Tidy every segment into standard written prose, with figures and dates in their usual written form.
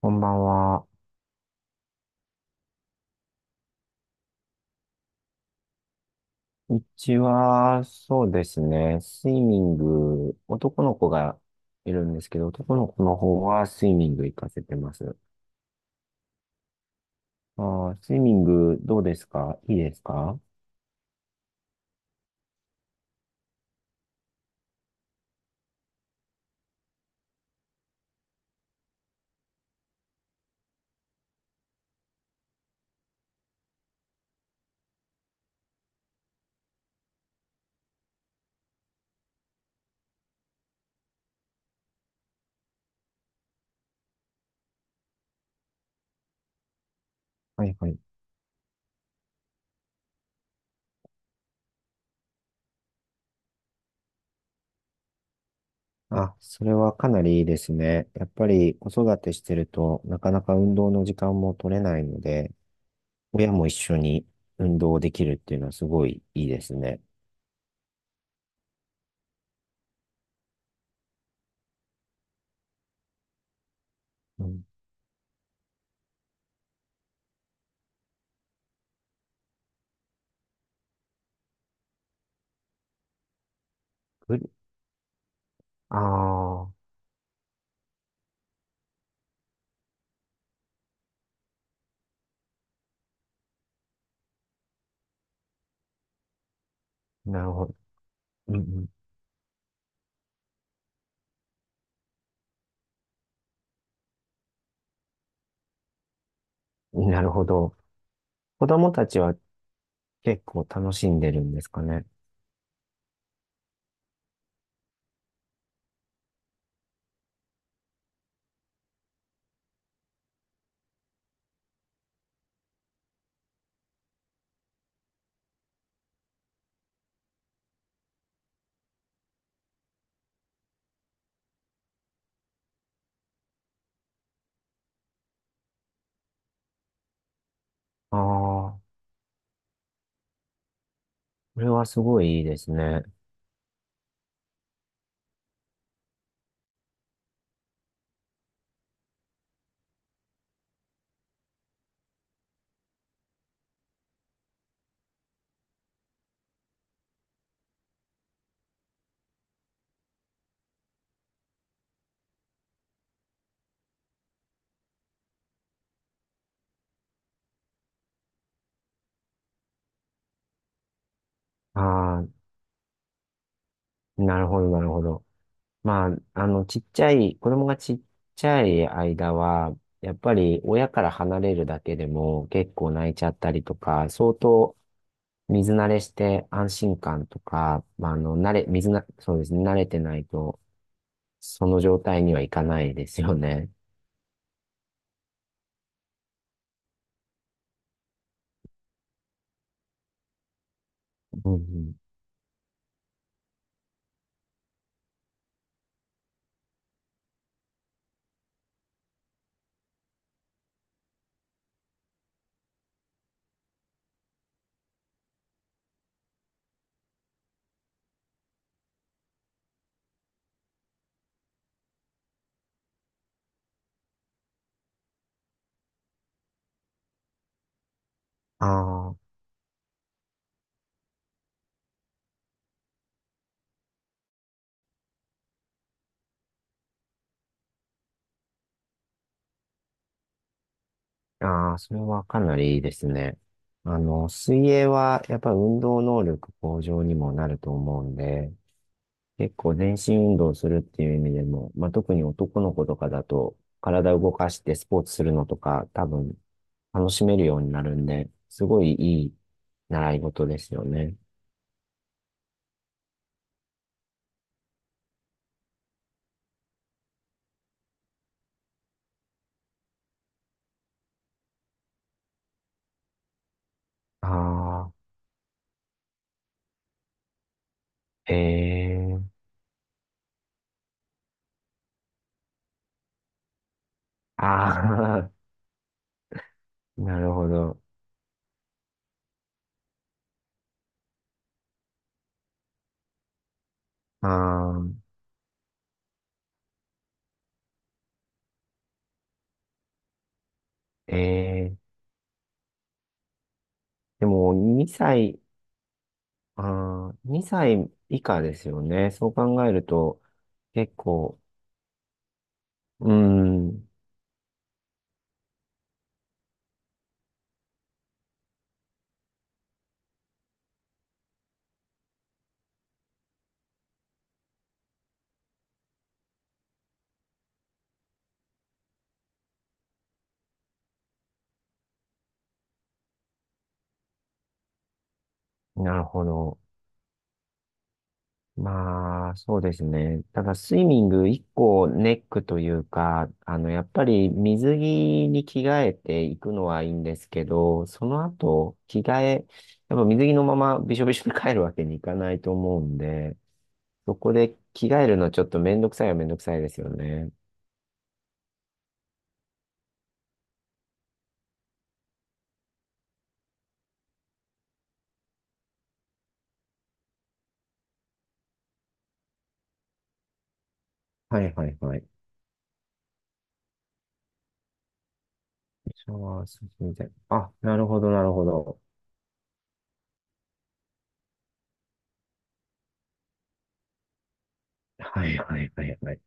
こんばんは。うちは、そうですね、スイミング、男の子がいるんですけど、男の子の方はスイミング行かせてます。あー、スイミングどうですか？いいですか？はいはい。あ、それはかなりいいですね。やっぱり子育てしてると、なかなか運動の時間も取れないので、親も一緒に運動できるっていうのはすごいいいですね。うん。ああー、なるほど。うんうん、なるほど。子供たちは結構楽しんでるんですかね。ああ、これはすごいいいですね。ああ、なるほど、なるほど。まあ、あの、ちっちゃい、子供がちっちゃい間は、やっぱり親から離れるだけでも結構泣いちゃったりとか、相当水慣れして安心感とか、まあ、あの、慣れ、水な、そうですね、慣れてないと、その状態にはいかないですよね。うんうん、ああ。ああ、それはかなりいいですね。あの、水泳はやっぱ運動能力向上にもなると思うんで、結構全身運動するっていう意味でも、まあ、特に男の子とかだと、体を動かしてスポーツするのとか、多分楽しめるようになるんで、すごいいい習い事ですよね。ああ、ええ、ああ、なるほど。ああ、ええ、でも2歳、ああ、2歳以下ですよね。そう考えると、結構、うーん、なるほど。まあ、そうですね。ただ、スイミング一個ネックというか、あの、やっぱり水着に着替えていくのはいいんですけど、その後、着替え、やっぱ水着のままびしょびしょに帰るわけにいかないと思うんで、そこで着替えるのちょっとめんどくさいはめんどくさいですよね。はいはいはい。シャワーすみたい。あ、なるほど、なるほど。はいはいはいはい。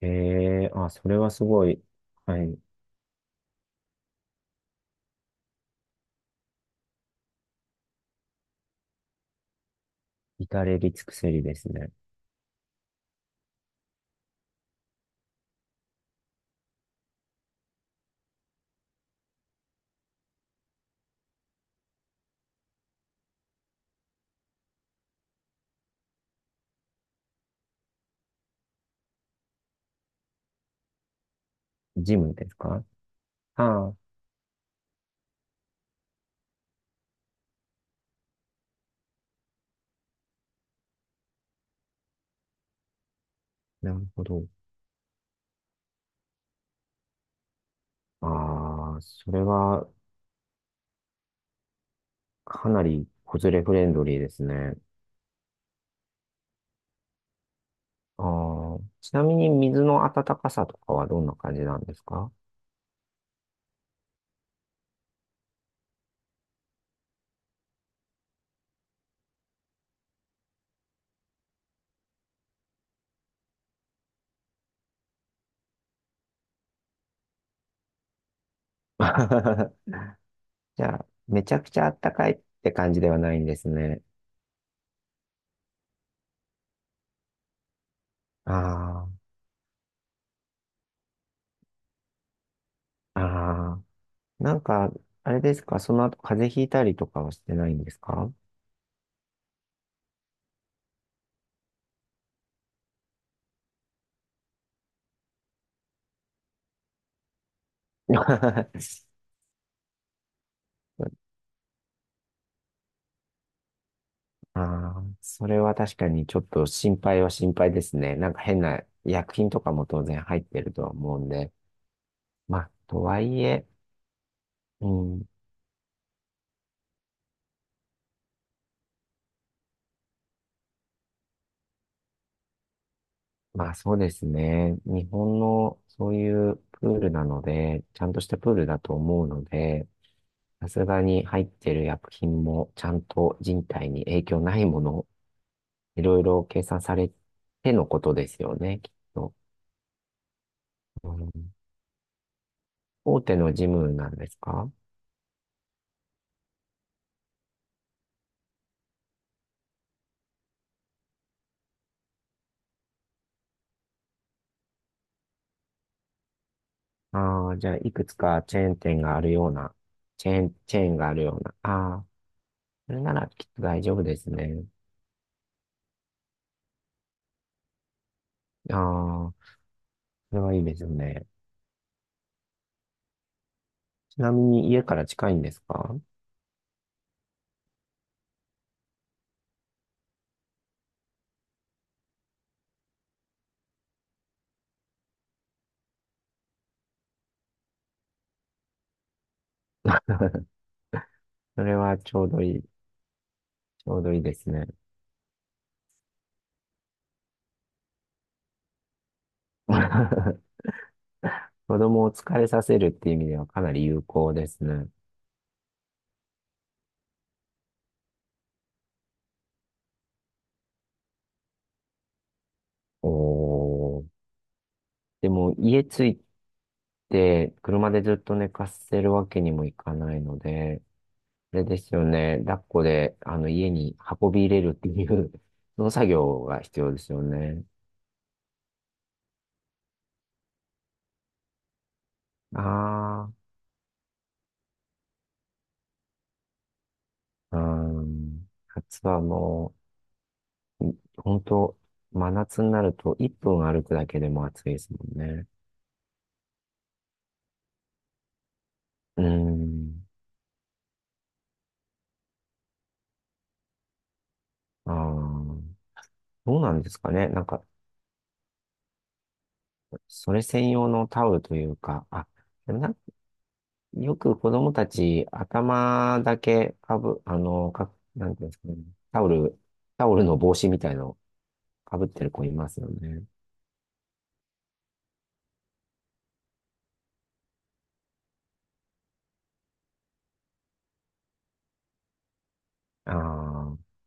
ええー、あ、それはすごい、はい、至れり尽くせりですね。ジムですか？ああ、なるほど。ああ、それはかなり子連れフレンドリーですね。ああ、ちなみに水の温かさとかはどんな感じなんですか？ じゃあ、めちゃくちゃ暖かいって感じではないんですね。ああ、ああ、なんか、あれですか、その後風邪ひいたりとかはしてないんですか？ そう。ああ、それは確かにちょっと心配は心配ですね。なんか変な薬品とかも当然入ってるとは思うんで。まあ、とはいえ、うん、まあそうですね。日本のそういうプールなので、ちゃんとしたプールだと思うので、さすがに入ってる薬品もちゃんと人体に影響ないもの、いろいろ計算されてのことですよね、きっと。うん、大手のジムなんですか？ああ、じゃあ、いくつかチェーン店があるような、チェーンがあるような。ああ、それならきっと大丈夫ですね。ああ、それはいいですよね。ちなみに家から近いんですか？それはちょうどいい、ちょうどいいですね。子供を疲れさせるっていう意味ではかなり有効ですね。おー。でも、家着いて、車でずっと寝かせるわけにもいかないので、あれですよね。抱っこで、あの、家に運び入れるっていう その作業が必要ですよね。ああ、うん。夏はもう、本当真夏になると1分歩くだけでも暑いですもんね。うん。ああ、どうなんですかね。なんか、それ専用のタオルというか、あ、でもよく子供たち、頭だけかぶ、あの、なんていうんですかね。タオル、タオルの帽子みたいのをかぶってる子いますよね。ああ。